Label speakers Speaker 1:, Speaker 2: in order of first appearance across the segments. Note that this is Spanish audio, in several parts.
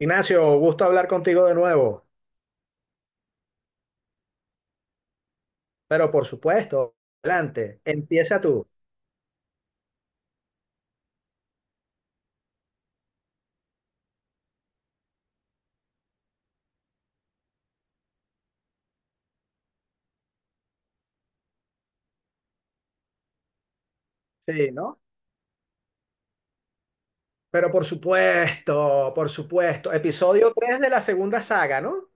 Speaker 1: Ignacio, gusto hablar contigo de nuevo, pero por supuesto, adelante, empieza tú. Sí, ¿no? Pero por supuesto, episodio 3 de la segunda saga, ¿no?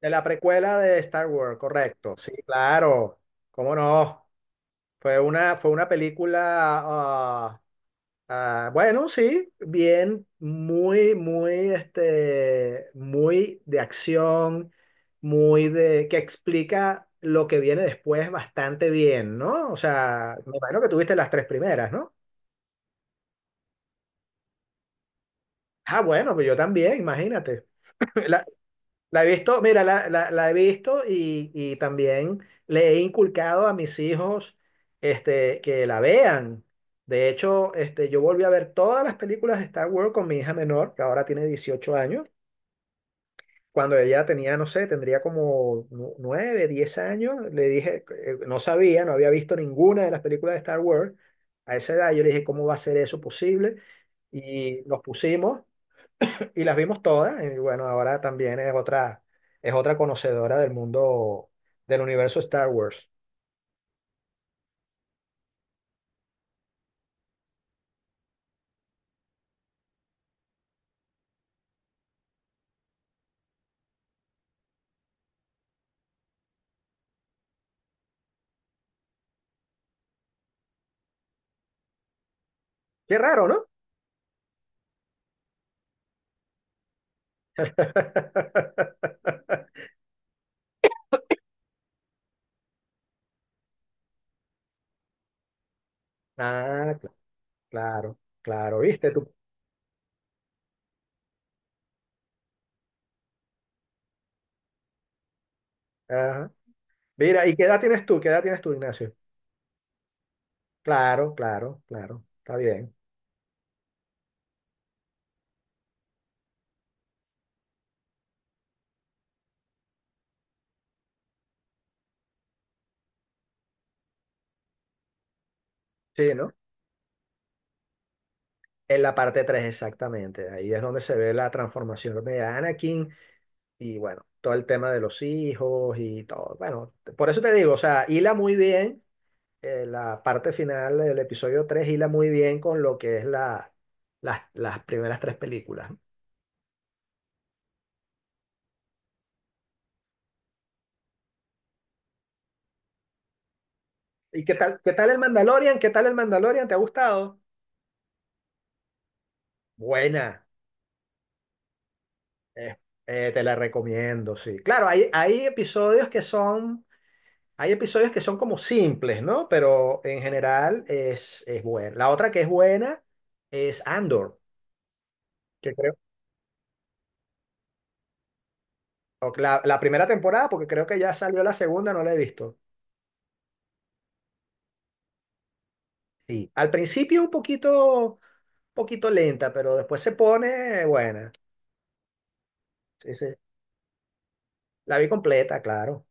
Speaker 1: De la precuela de Star Wars, correcto. Sí, claro, cómo no. Fue una película. Ah, bueno, sí, bien, muy, muy, muy de acción, que explica lo que viene después bastante bien, ¿no? O sea, me imagino que tuviste las tres primeras, ¿no? Ah, bueno, pues yo también, imagínate. La, la he visto, mira, la he visto y también le he inculcado a mis hijos, que la vean. De hecho, yo volví a ver todas las películas de Star Wars con mi hija menor, que ahora tiene 18 años. Cuando ella tenía, no sé, tendría como nueve, diez años, le dije, no sabía, no había visto ninguna de las películas de Star Wars. A esa edad yo le dije, ¿cómo va a ser eso posible? Y nos pusimos y las vimos todas. Y bueno, ahora también es otra conocedora del mundo, del universo Star Wars. Qué raro, ¿no? Ah, claro, claro, viste tú. Ajá. Mira, ¿y qué edad tienes tú? ¿Qué edad tienes tú, Ignacio? Claro, claro, claro. Está bien. Sí, ¿no? En la parte 3 exactamente. Ahí es donde se ve la transformación de Anakin y bueno, todo el tema de los hijos y todo. Bueno, por eso te digo, o sea, hila muy bien, la parte final del episodio tres hila muy bien con lo que es las primeras tres películas, ¿no? ¿Y qué tal el Mandalorian? ¿Qué tal el Mandalorian? ¿Te ha gustado? Buena. Eh, Te la recomiendo, sí. Claro, hay episodios que son como simples, ¿no? Pero en general es buena. La otra que es buena es Andor, que creo, o la primera temporada, porque creo que ya salió la segunda, no la he visto. Sí, al principio un poquito, poquito lenta, pero después se pone buena. Sí, sí. La vi completa, claro.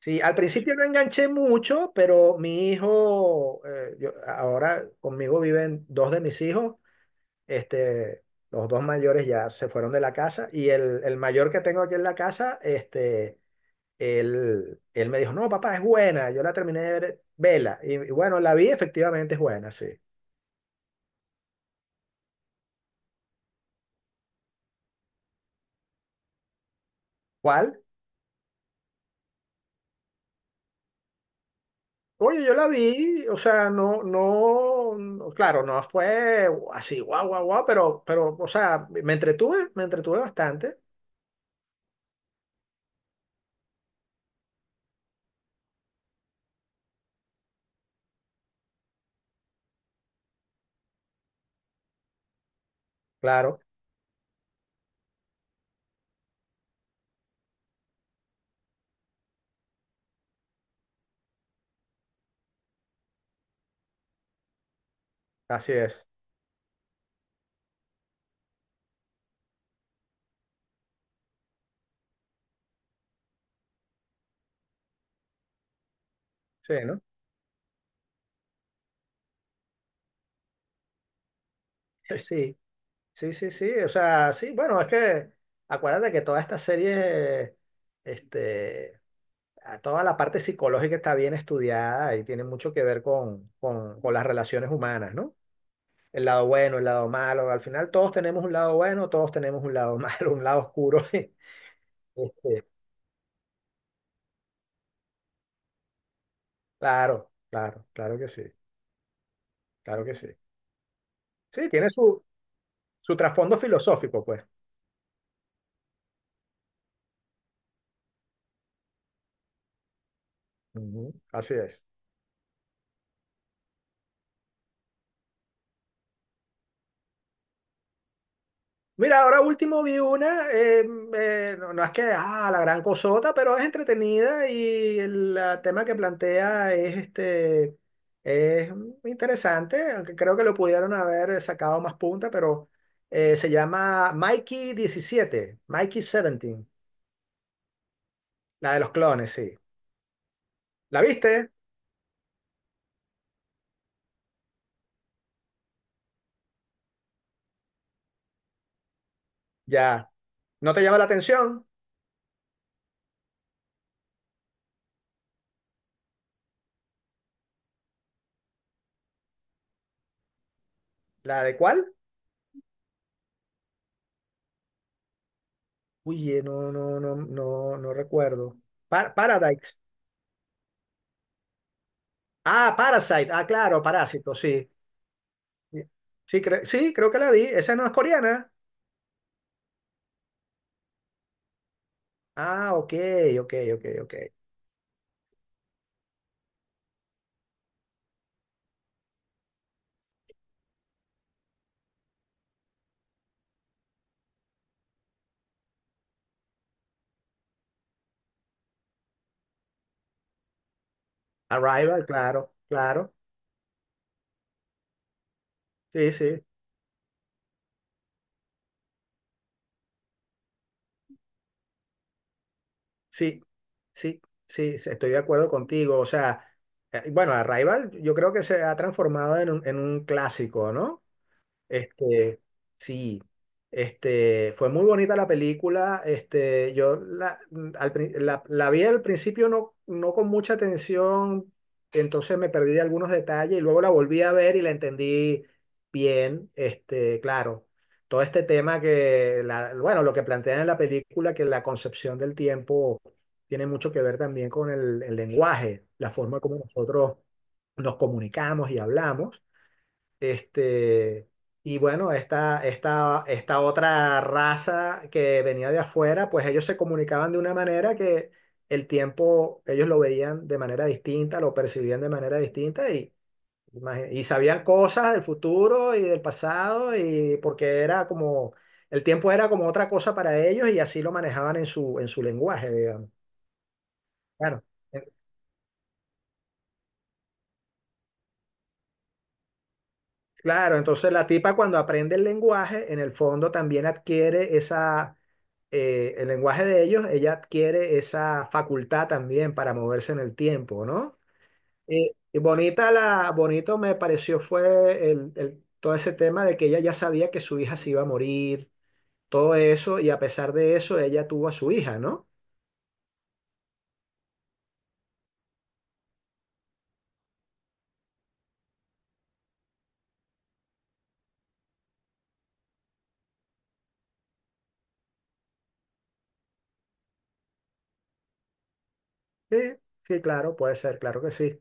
Speaker 1: Sí, al principio no enganché mucho, pero mi hijo, ahora conmigo viven dos de mis hijos. Este, los dos mayores ya se fueron de la casa, y el mayor que tengo aquí en la casa, él me dijo, no, papá, es buena, yo la terminé de ver, vela. Y bueno, la vi, efectivamente es buena, sí. ¿Cuál? Oye, yo la vi, o sea, no, no, no, claro, no fue así, guau, guau, guau, pero, o sea, me entretuve bastante, claro, así es, sí, ¿no? Sí. Sí, sí, sí, o sea, sí, bueno, es que acuérdate que toda esta serie, este, a toda la parte psicológica está bien estudiada y tiene mucho que ver con las relaciones humanas, ¿no? El lado bueno, el lado malo, al final todos tenemos un lado bueno, todos tenemos un lado malo, un lado oscuro. Este, claro, claro, claro que sí, claro que sí. Sí, tiene su trasfondo filosófico, pues. Ujú, así es. Mira, ahora último vi una, no, ah, la gran cosota, pero es entretenida, y el tema que plantea es interesante, aunque creo que lo pudieron haber sacado más punta, pero se llama Mikey diecisiete, Mikey 17, la de los clones, sí. ¿La viste? Ya. ¿No te llama la atención? ¿La de cuál? Uy, no, no, no, no, no recuerdo. Paradise. Ah, Parasite. Ah, claro, Parásito, sí. Sí, sí, sí, creo que la vi. Esa no es coreana. Ah, ok, ok, ok, ok. Arrival, claro, claro. Sí, sí, sí, sí, sí, sí, estoy de acuerdo contigo. O sea, bueno, Arrival yo creo que se ha transformado en un, clásico, ¿no? Este, sí, fue muy bonita la película. La vi al principio no con mucha atención, entonces me perdí de algunos detalles y luego la volví a ver y la entendí bien. Claro, todo este tema que, bueno, lo que plantean en la película, que la concepción del tiempo tiene mucho que ver también con el lenguaje, la forma como nosotros nos comunicamos y hablamos. Este, y bueno, esta, otra raza que venía de afuera, pues ellos se comunicaban de una manera que el tiempo ellos lo veían de manera distinta, lo percibían de manera distinta, y sabían cosas del futuro y del pasado, y porque era como, el tiempo era como otra cosa para ellos, y así lo manejaban en su, lenguaje, digamos. Claro. Claro, entonces la tipa, cuando aprende el lenguaje, en el fondo también adquiere esa, el lenguaje de ellos, ella adquiere esa facultad también para moverse en el tiempo, ¿no? Y bonito me pareció fue todo ese tema de que ella ya sabía que su hija se iba a morir, todo eso, y a pesar de eso, ella tuvo a su hija, ¿no? Sí, sí, claro, puede ser, claro que sí.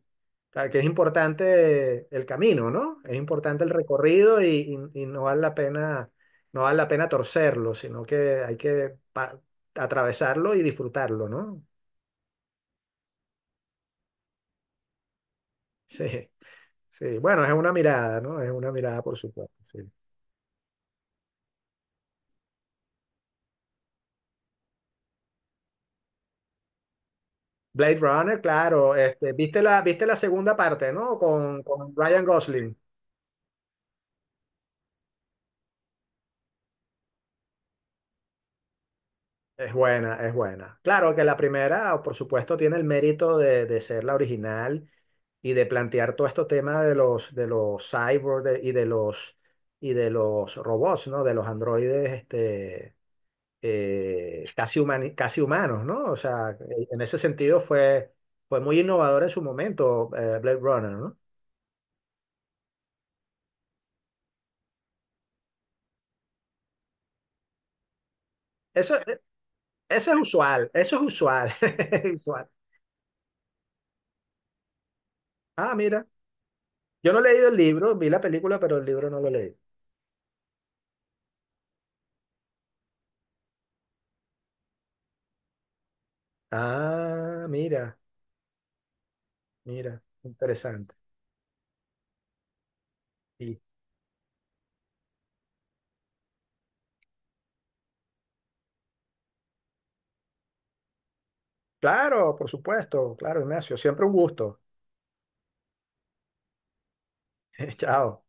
Speaker 1: Claro que es importante el camino, ¿no? Es importante el recorrido, y no vale la pena, no vale la pena torcerlo, sino que hay que atravesarlo y disfrutarlo, ¿no? Sí, sí. Bueno, es una mirada, ¿no? Es una mirada, por supuesto. Sí. Blade Runner, claro. Viste la, segunda parte, ¿no? Con Ryan Gosling. Es buena, es buena. Claro que la primera, por supuesto, tiene el mérito de, ser la original, y de plantear todo este tema de los cyborgs, y de los robots, ¿no? De los androides, casi humanos, ¿no? O sea, en ese sentido fue muy innovador en su momento, Blade Runner, ¿no? Eso, eh, eso es usual, eso es usual, es usual. Ah, mira, yo no he leído el libro, vi la película, pero el libro no lo leí. Ah, mira, mira, interesante. Y claro, por supuesto, claro, Ignacio, siempre un gusto. Chao.